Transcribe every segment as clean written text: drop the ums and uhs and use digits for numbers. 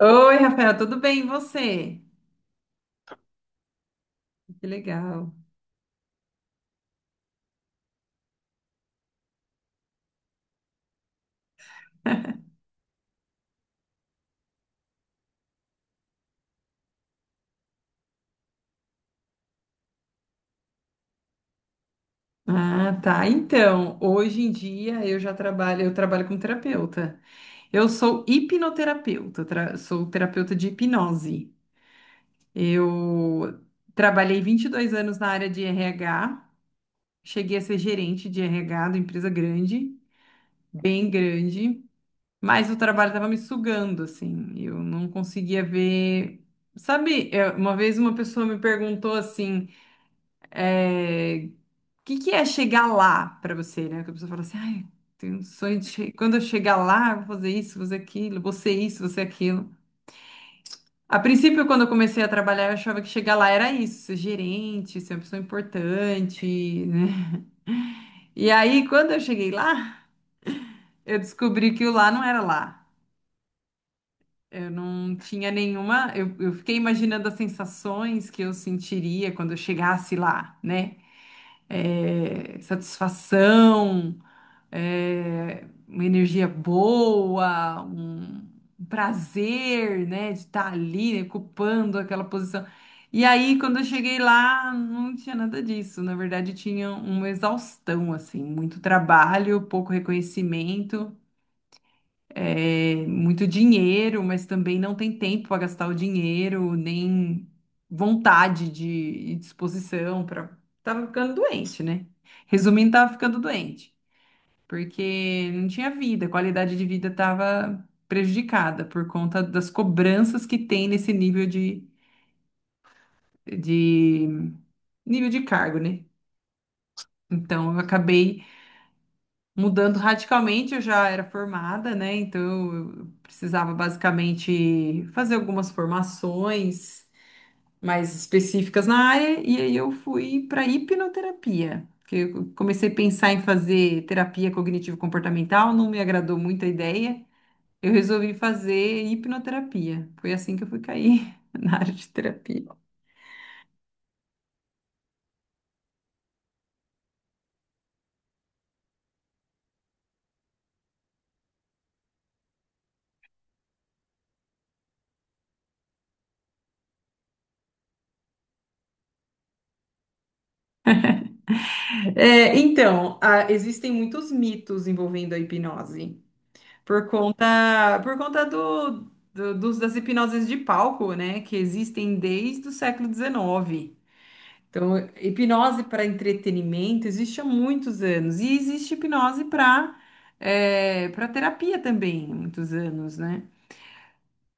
Oi, Rafael, tudo bem? E você? Que legal. Ah, tá. Então, hoje em dia eu já trabalho, eu trabalho como terapeuta. Eu sou hipnoterapeuta, sou terapeuta de hipnose. Eu trabalhei 22 anos na área de RH, cheguei a ser gerente de RH de empresa grande, bem grande, mas o trabalho estava me sugando, assim, eu não conseguia ver. Sabe, uma vez uma pessoa me perguntou assim, eh, que é chegar lá para você, né? Que a pessoa fala assim, ai, tenho um sonho de quando eu chegar lá, eu vou fazer isso, vou fazer aquilo, vou ser isso, vou ser aquilo. A princípio, quando eu comecei a trabalhar, eu achava que chegar lá era isso, ser gerente, ser uma pessoa importante, né? E aí, quando eu cheguei lá, eu descobri que o lá não era lá. Eu não tinha nenhuma. Eu fiquei imaginando as sensações que eu sentiria quando eu chegasse lá, né? Satisfação, uma energia boa, um prazer, né, de estar ali, né, ocupando aquela posição. E aí, quando eu cheguei lá, não tinha nada disso. Na verdade, tinha uma exaustão, assim, muito trabalho, pouco reconhecimento, muito dinheiro, mas também não tem tempo para gastar o dinheiro, nem vontade de e disposição para. Tava ficando doente, né? Resumindo, tava ficando doente porque não tinha vida, a qualidade de vida estava prejudicada por conta das cobranças que tem nesse nível de de cargo, né? Então eu acabei mudando radicalmente, eu já era formada, né? Então eu precisava basicamente fazer algumas formações mais específicas na área e aí eu fui para hipnoterapia. Que Eu comecei a pensar em fazer terapia cognitivo-comportamental, não me agradou muito a ideia. Eu resolvi fazer hipnoterapia. Foi assim que eu fui cair na área de terapia. É, então, existem muitos mitos envolvendo a hipnose. Por conta das hipnoses de palco, né? Que existem desde o século XIX. Então, hipnose para entretenimento existe há muitos anos. E existe hipnose para terapia também, há muitos anos, né?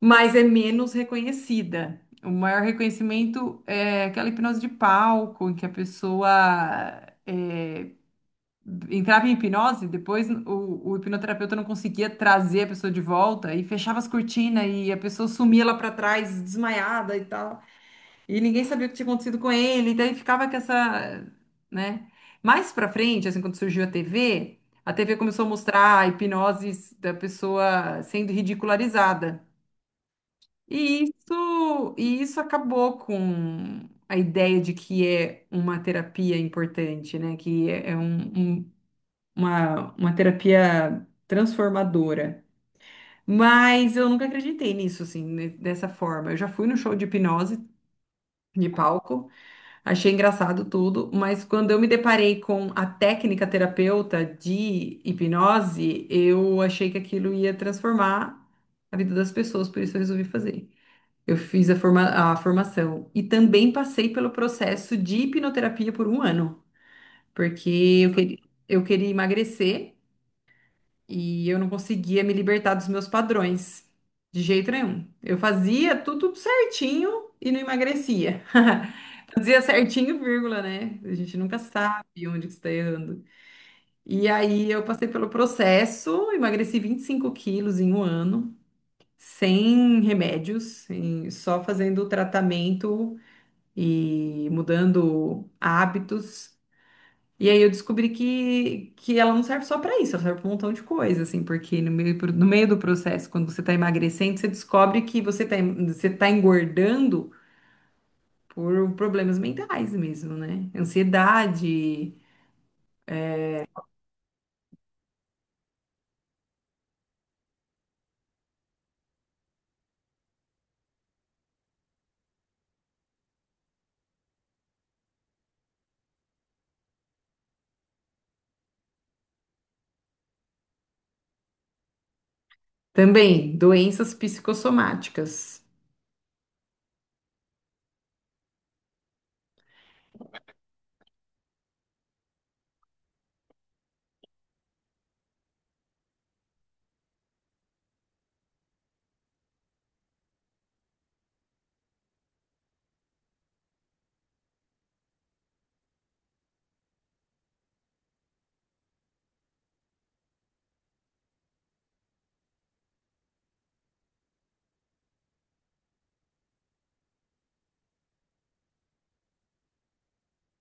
Mas é menos reconhecida. O maior reconhecimento é aquela hipnose de palco, em que a pessoa é, entrava em hipnose, depois o hipnoterapeuta não conseguia trazer a pessoa de volta e fechava as cortinas e a pessoa sumia lá para trás, desmaiada e tal. E ninguém sabia o que tinha acontecido com ele, e daí ficava com essa, né? Mais para frente, assim, quando surgiu a TV, a TV começou a mostrar hipnoses da pessoa sendo ridicularizada. E isso acabou com a ideia de que é uma terapia importante, né? Que é uma terapia transformadora. Mas eu nunca acreditei nisso, assim, dessa forma. Eu já fui no show de hipnose de palco, achei engraçado tudo, mas quando eu me deparei com a técnica terapeuta de hipnose, eu achei que aquilo ia transformar a vida das pessoas, por isso eu resolvi fazer. Eu fiz a formação. E também passei pelo processo de hipnoterapia por um ano, porque eu queria emagrecer e eu não conseguia me libertar dos meus padrões, de jeito nenhum. Eu fazia tudo certinho e não emagrecia. Fazia certinho, vírgula, né? A gente nunca sabe onde que está errando. E aí eu passei pelo processo, emagreci 25 quilos em um ano, sem remédios, só fazendo o tratamento e mudando hábitos. E aí eu descobri que ela não serve só para isso, ela serve para um montão de coisa, assim, porque no meio do processo, quando você está emagrecendo, você descobre que você tá engordando por problemas mentais mesmo, né? Ansiedade, também doenças psicossomáticas.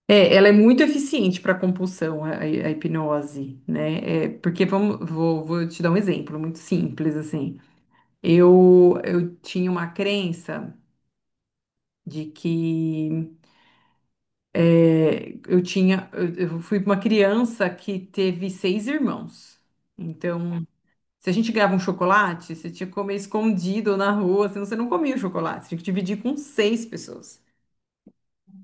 É, ela é muito eficiente para compulsão, a hipnose, né? É, porque vou te dar um exemplo muito simples, assim. Eu tinha uma crença de que eu fui uma criança que teve seis irmãos. Então, se a gente ganhava um chocolate, você tinha que comer escondido na rua, senão você não comia o chocolate, você tinha que dividir com seis pessoas.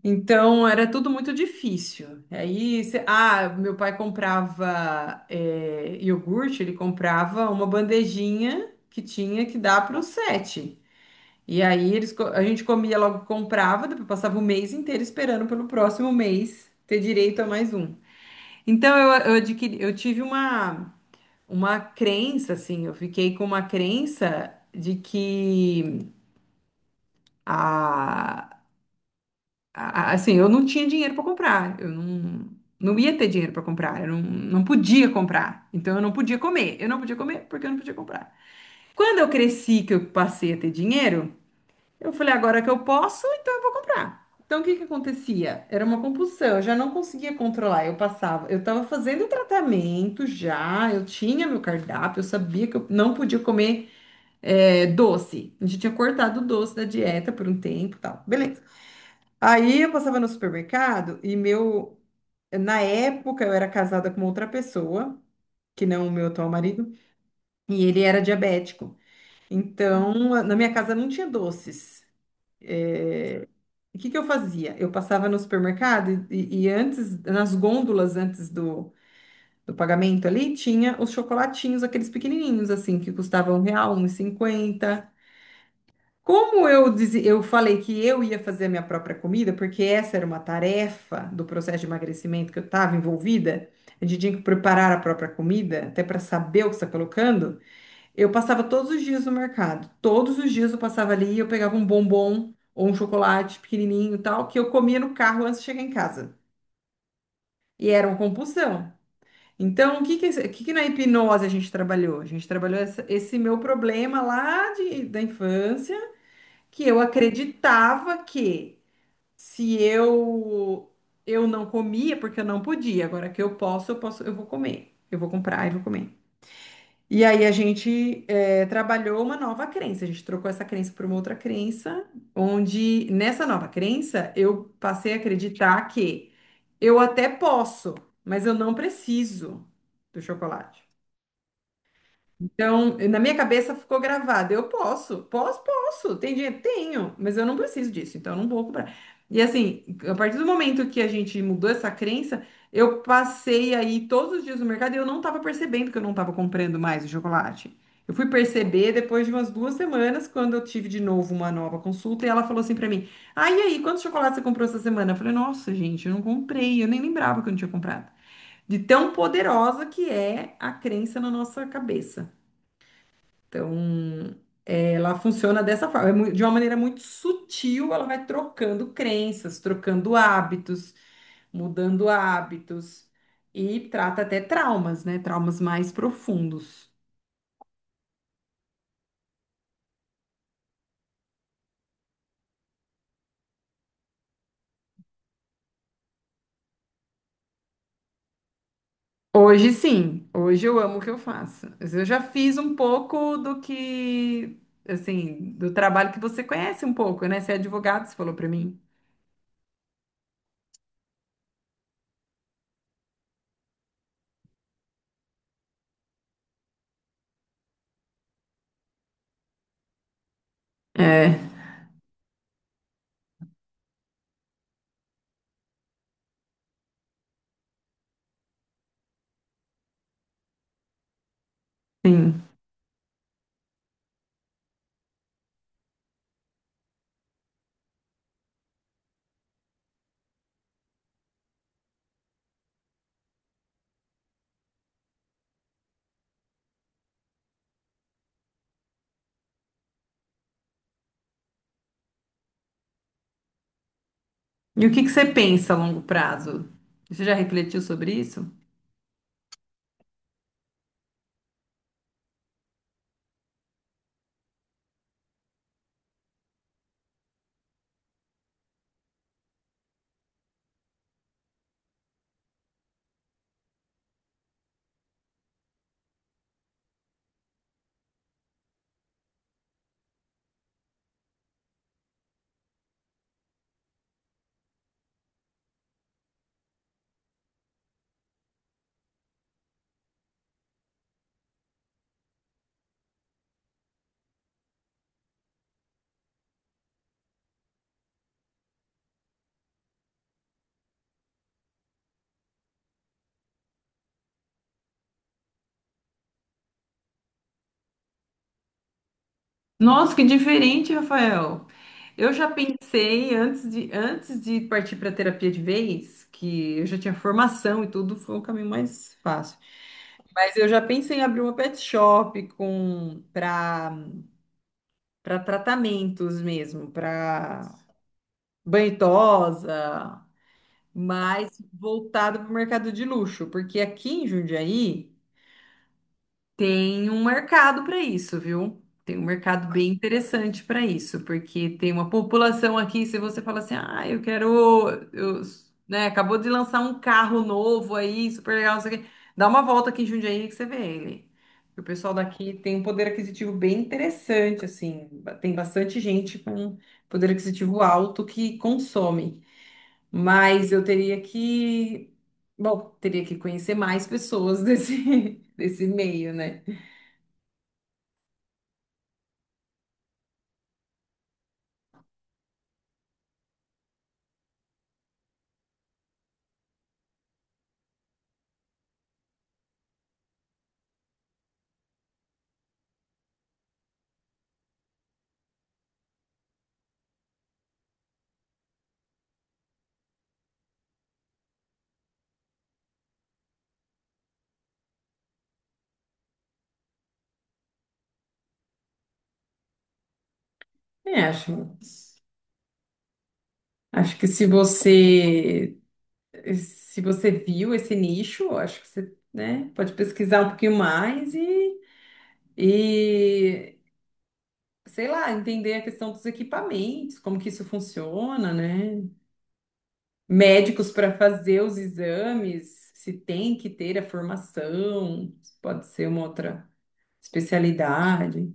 Então, era tudo muito difícil. Aí, ah, meu pai comprava iogurte, ele comprava uma bandejinha que tinha que dar para os sete. E aí a gente comia logo, comprava, depois passava o mês inteiro esperando pelo próximo mês ter direito a mais um. Então eu tive uma crença, assim, eu fiquei com uma crença de que a, assim, eu não tinha dinheiro para comprar, eu não ia ter dinheiro para comprar, eu não podia comprar, então eu não podia comer, eu não podia comer porque eu não podia comprar. Quando eu cresci, que eu passei a ter dinheiro, eu falei, agora que eu posso, então eu vou comprar. Então, o que que acontecia? Era uma compulsão, eu já não conseguia controlar. Eu passava, eu estava fazendo o tratamento já, eu tinha meu cardápio, eu sabia que eu não podia comer doce. A gente tinha cortado o doce da dieta por um tempo e tal. Beleza. Aí eu passava no supermercado e meu. Na época eu era casada com outra pessoa, que não o meu atual marido, e ele era diabético. Então, na minha casa não tinha doces. é, E o que que eu fazia? Eu passava no supermercado e antes, nas gôndolas antes do pagamento ali, tinha os chocolatinhos, aqueles pequenininhos assim, que custavam R$ 1, 1,50. Como eu falei que eu ia fazer a minha própria comida, porque essa era uma tarefa do processo de emagrecimento que eu estava envolvida, a gente tinha que preparar a própria comida, até para saber o que está colocando, eu passava todos os dias no mercado. Todos os dias eu passava ali e eu pegava um bombom ou um chocolate pequenininho e tal, que eu comia no carro antes de chegar em casa. E era uma compulsão. Então, o que que, o que que na hipnose a gente trabalhou? A gente trabalhou esse meu problema lá da infância, que eu acreditava que se eu eu não comia, porque eu não podia. Agora que eu posso, eu posso, eu vou comer. Eu vou comprar e vou comer. E aí a gente trabalhou uma nova crença, a gente trocou essa crença por uma outra crença, onde nessa nova crença eu passei a acreditar que eu até posso, mas eu não preciso do chocolate. Então, na minha cabeça ficou gravado. Eu posso, posso, posso. Tem dinheiro? Tenho, mas eu não preciso disso, então eu não vou comprar. E assim, a partir do momento que a gente mudou essa crença, eu passei aí todos os dias no mercado e eu não estava percebendo que eu não estava comprando mais o chocolate. Eu fui perceber depois de umas 2 semanas, quando eu tive de novo uma nova consulta, e ela falou assim para mim: Ah, e aí, quantos chocolates você comprou essa semana? Eu falei: Nossa, gente, eu não comprei, eu nem lembrava que eu não tinha comprado. De tão poderosa que é a crença na nossa cabeça. Então, ela funciona dessa forma, é de uma maneira muito sutil, ela vai trocando crenças, trocando hábitos, mudando hábitos e trata até traumas, né? Traumas mais profundos. Hoje sim, hoje eu amo o que eu faço. Mas eu já fiz um pouco do que, assim, do trabalho que você conhece um pouco, né? Você é advogado, você falou para mim. É, sim. E o que que você pensa a longo prazo? Você já refletiu sobre isso? Nossa, que diferente, Rafael. Eu já pensei antes de partir para terapia de vez, que eu já tinha formação e tudo, foi um caminho mais fácil. Mas eu já pensei em abrir uma pet shop com para para tratamentos mesmo, para banhosa, mas voltado para o mercado de luxo, porque aqui em Jundiaí tem um mercado para isso, viu? Tem um mercado bem interessante para isso, porque tem uma população aqui, se você fala assim, ah, eu quero, eu, né, acabou de lançar um carro novo aí, super legal, não sei o quê. Dá uma volta aqui em Jundiaí que você vê ele. O pessoal daqui tem um poder aquisitivo bem interessante, assim, tem bastante gente com poder aquisitivo alto que consome, mas eu teria que, bom, teria que conhecer mais pessoas desse, desse meio, né? É, acho que se você viu esse nicho, acho que você, né, pode pesquisar um pouquinho mais e sei lá, entender a questão dos equipamentos, como que isso funciona, né? Médicos para fazer os exames, se tem que ter a formação, pode ser uma outra especialidade.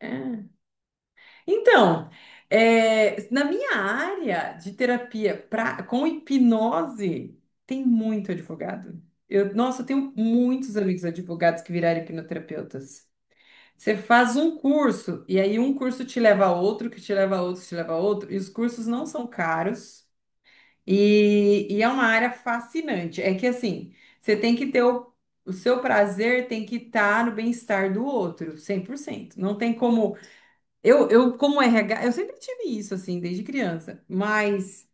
É. Então, na minha área de terapia com hipnose, tem muito advogado. Nossa, eu tenho muitos amigos advogados que viraram hipnoterapeutas. Você faz um curso, e aí um curso te leva a outro, que te leva a outro, que te leva a outro, e os cursos não são caros, e é uma área fascinante. É que assim, você tem que ter o seu prazer, tem que estar no bem-estar do outro, 100%. Não tem como. Como RH, eu sempre tive isso, assim, desde criança. Mas,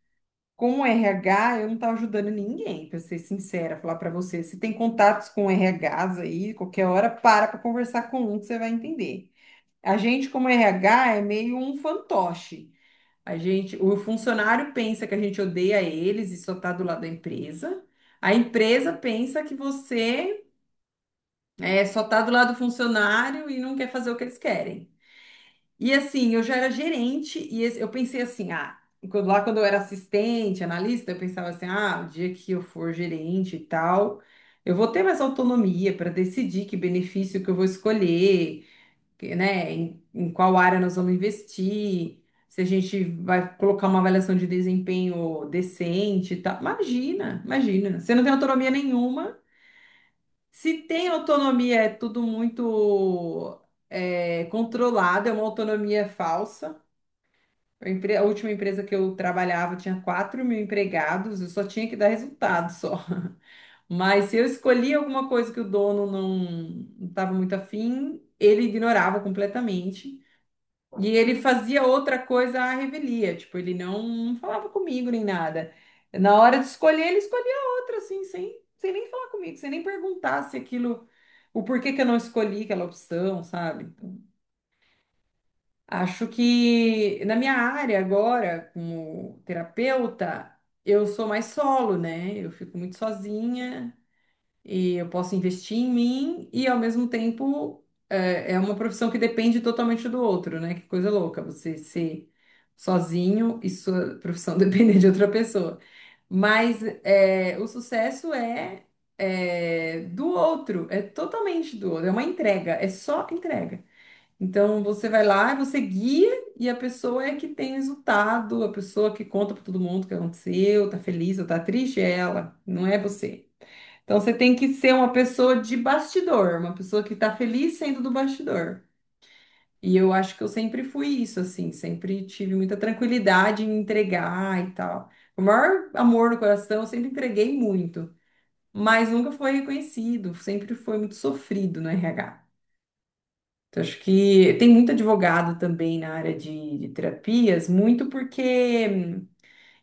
como RH, eu não tava ajudando ninguém, pra ser sincera, falar pra você. Se tem contatos com RHs aí, qualquer hora, para pra conversar com um que você vai entender. A gente, como RH, é meio um fantoche. A gente, o funcionário pensa que a gente odeia eles e só tá do lado da empresa. A empresa pensa que você só tá do lado do funcionário e não quer fazer o que eles querem. E assim, eu já era gerente e eu pensei assim, ah, lá quando eu era assistente, analista, eu pensava assim, ah, o dia que eu for gerente e tal, eu vou ter mais autonomia para decidir que benefício que eu vou escolher, que, né, em qual área nós vamos investir, se a gente vai colocar uma avaliação de desempenho decente e tal. Imagina, imagina, você não tem autonomia nenhuma. Se tem autonomia, é tudo muito controlado, é uma autonomia falsa. A última empresa que eu trabalhava tinha 4000 empregados, eu só tinha que dar resultado só. Mas se eu escolhia alguma coisa que o dono não estava muito afim, ele ignorava completamente. E ele fazia outra coisa à revelia, tipo, ele não falava comigo nem nada. Na hora de escolher, ele escolhia outra, assim, sem nem falar comigo, sem nem perguntar se aquilo, o porquê que eu não escolhi aquela opção, sabe? Então, acho que na minha área agora, como terapeuta, eu sou mais solo, né? Eu fico muito sozinha e eu posso investir em mim e ao mesmo tempo é uma profissão que depende totalmente do outro, né? Que coisa louca você ser sozinho e sua profissão depender de outra pessoa. Mas é do outro, é totalmente do outro, é uma entrega, é só entrega. Então você vai lá, você guia e a pessoa é que tem resultado, a pessoa que conta para todo mundo o que aconteceu, tá feliz ou tá triste, é ela, não é você. Então você tem que ser uma pessoa de bastidor, uma pessoa que tá feliz sendo do bastidor. E eu acho que eu sempre fui isso, assim, sempre tive muita tranquilidade em entregar e tal. O maior amor no coração, eu sempre entreguei muito, mas nunca foi reconhecido, sempre foi muito sofrido no RH. Então, acho que tem muito advogado também na área de terapias, muito porque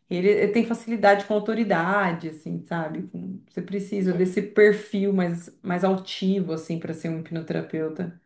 ele tem facilidade com autoridade, assim, sabe? Com- Você precisa Sim. desse perfil mais altivo, assim, para ser um hipnoterapeuta.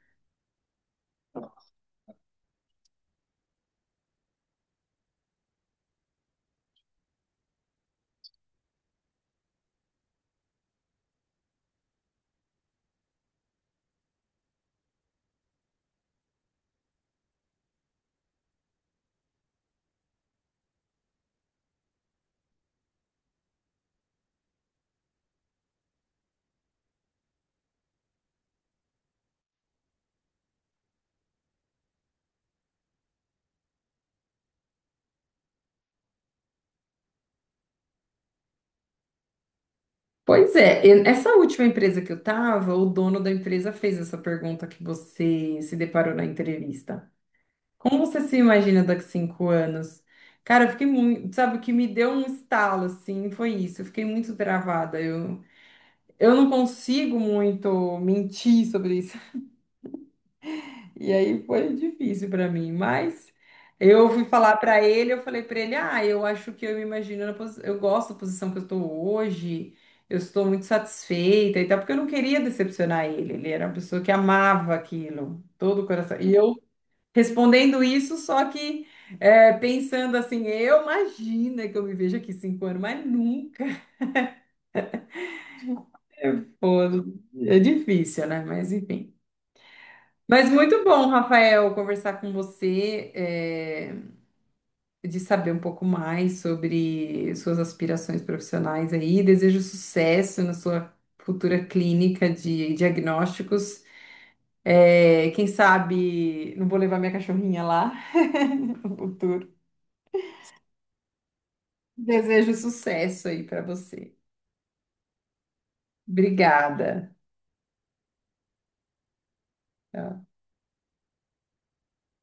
Pois é, essa última empresa que eu tava, o dono da empresa fez essa pergunta que você se deparou na entrevista. Como você se imagina daqui a 5 anos? Cara, eu fiquei muito, sabe, o que me deu um estalo, assim, foi isso. Eu fiquei muito travada. Eu não consigo muito mentir sobre isso. E aí foi difícil para mim, mas eu fui falar para ele, eu falei para ele: "Ah, eu acho que eu me imagino na eu gosto da posição que eu estou hoje. Eu estou muito satisfeita e tal", porque eu não queria decepcionar ele. Ele era uma pessoa que amava aquilo, todo o coração. E eu respondendo isso, só que pensando assim, eu imagino que eu me vejo aqui 5 anos, mas nunca. Pô, é difícil, né? Mas enfim. Mas muito bom, Rafael, conversar com você, é, de saber um pouco mais sobre suas aspirações profissionais aí. Desejo sucesso na sua futura clínica de diagnósticos. É, quem sabe não vou levar minha cachorrinha lá no futuro. Desejo sucesso aí para você. Obrigada.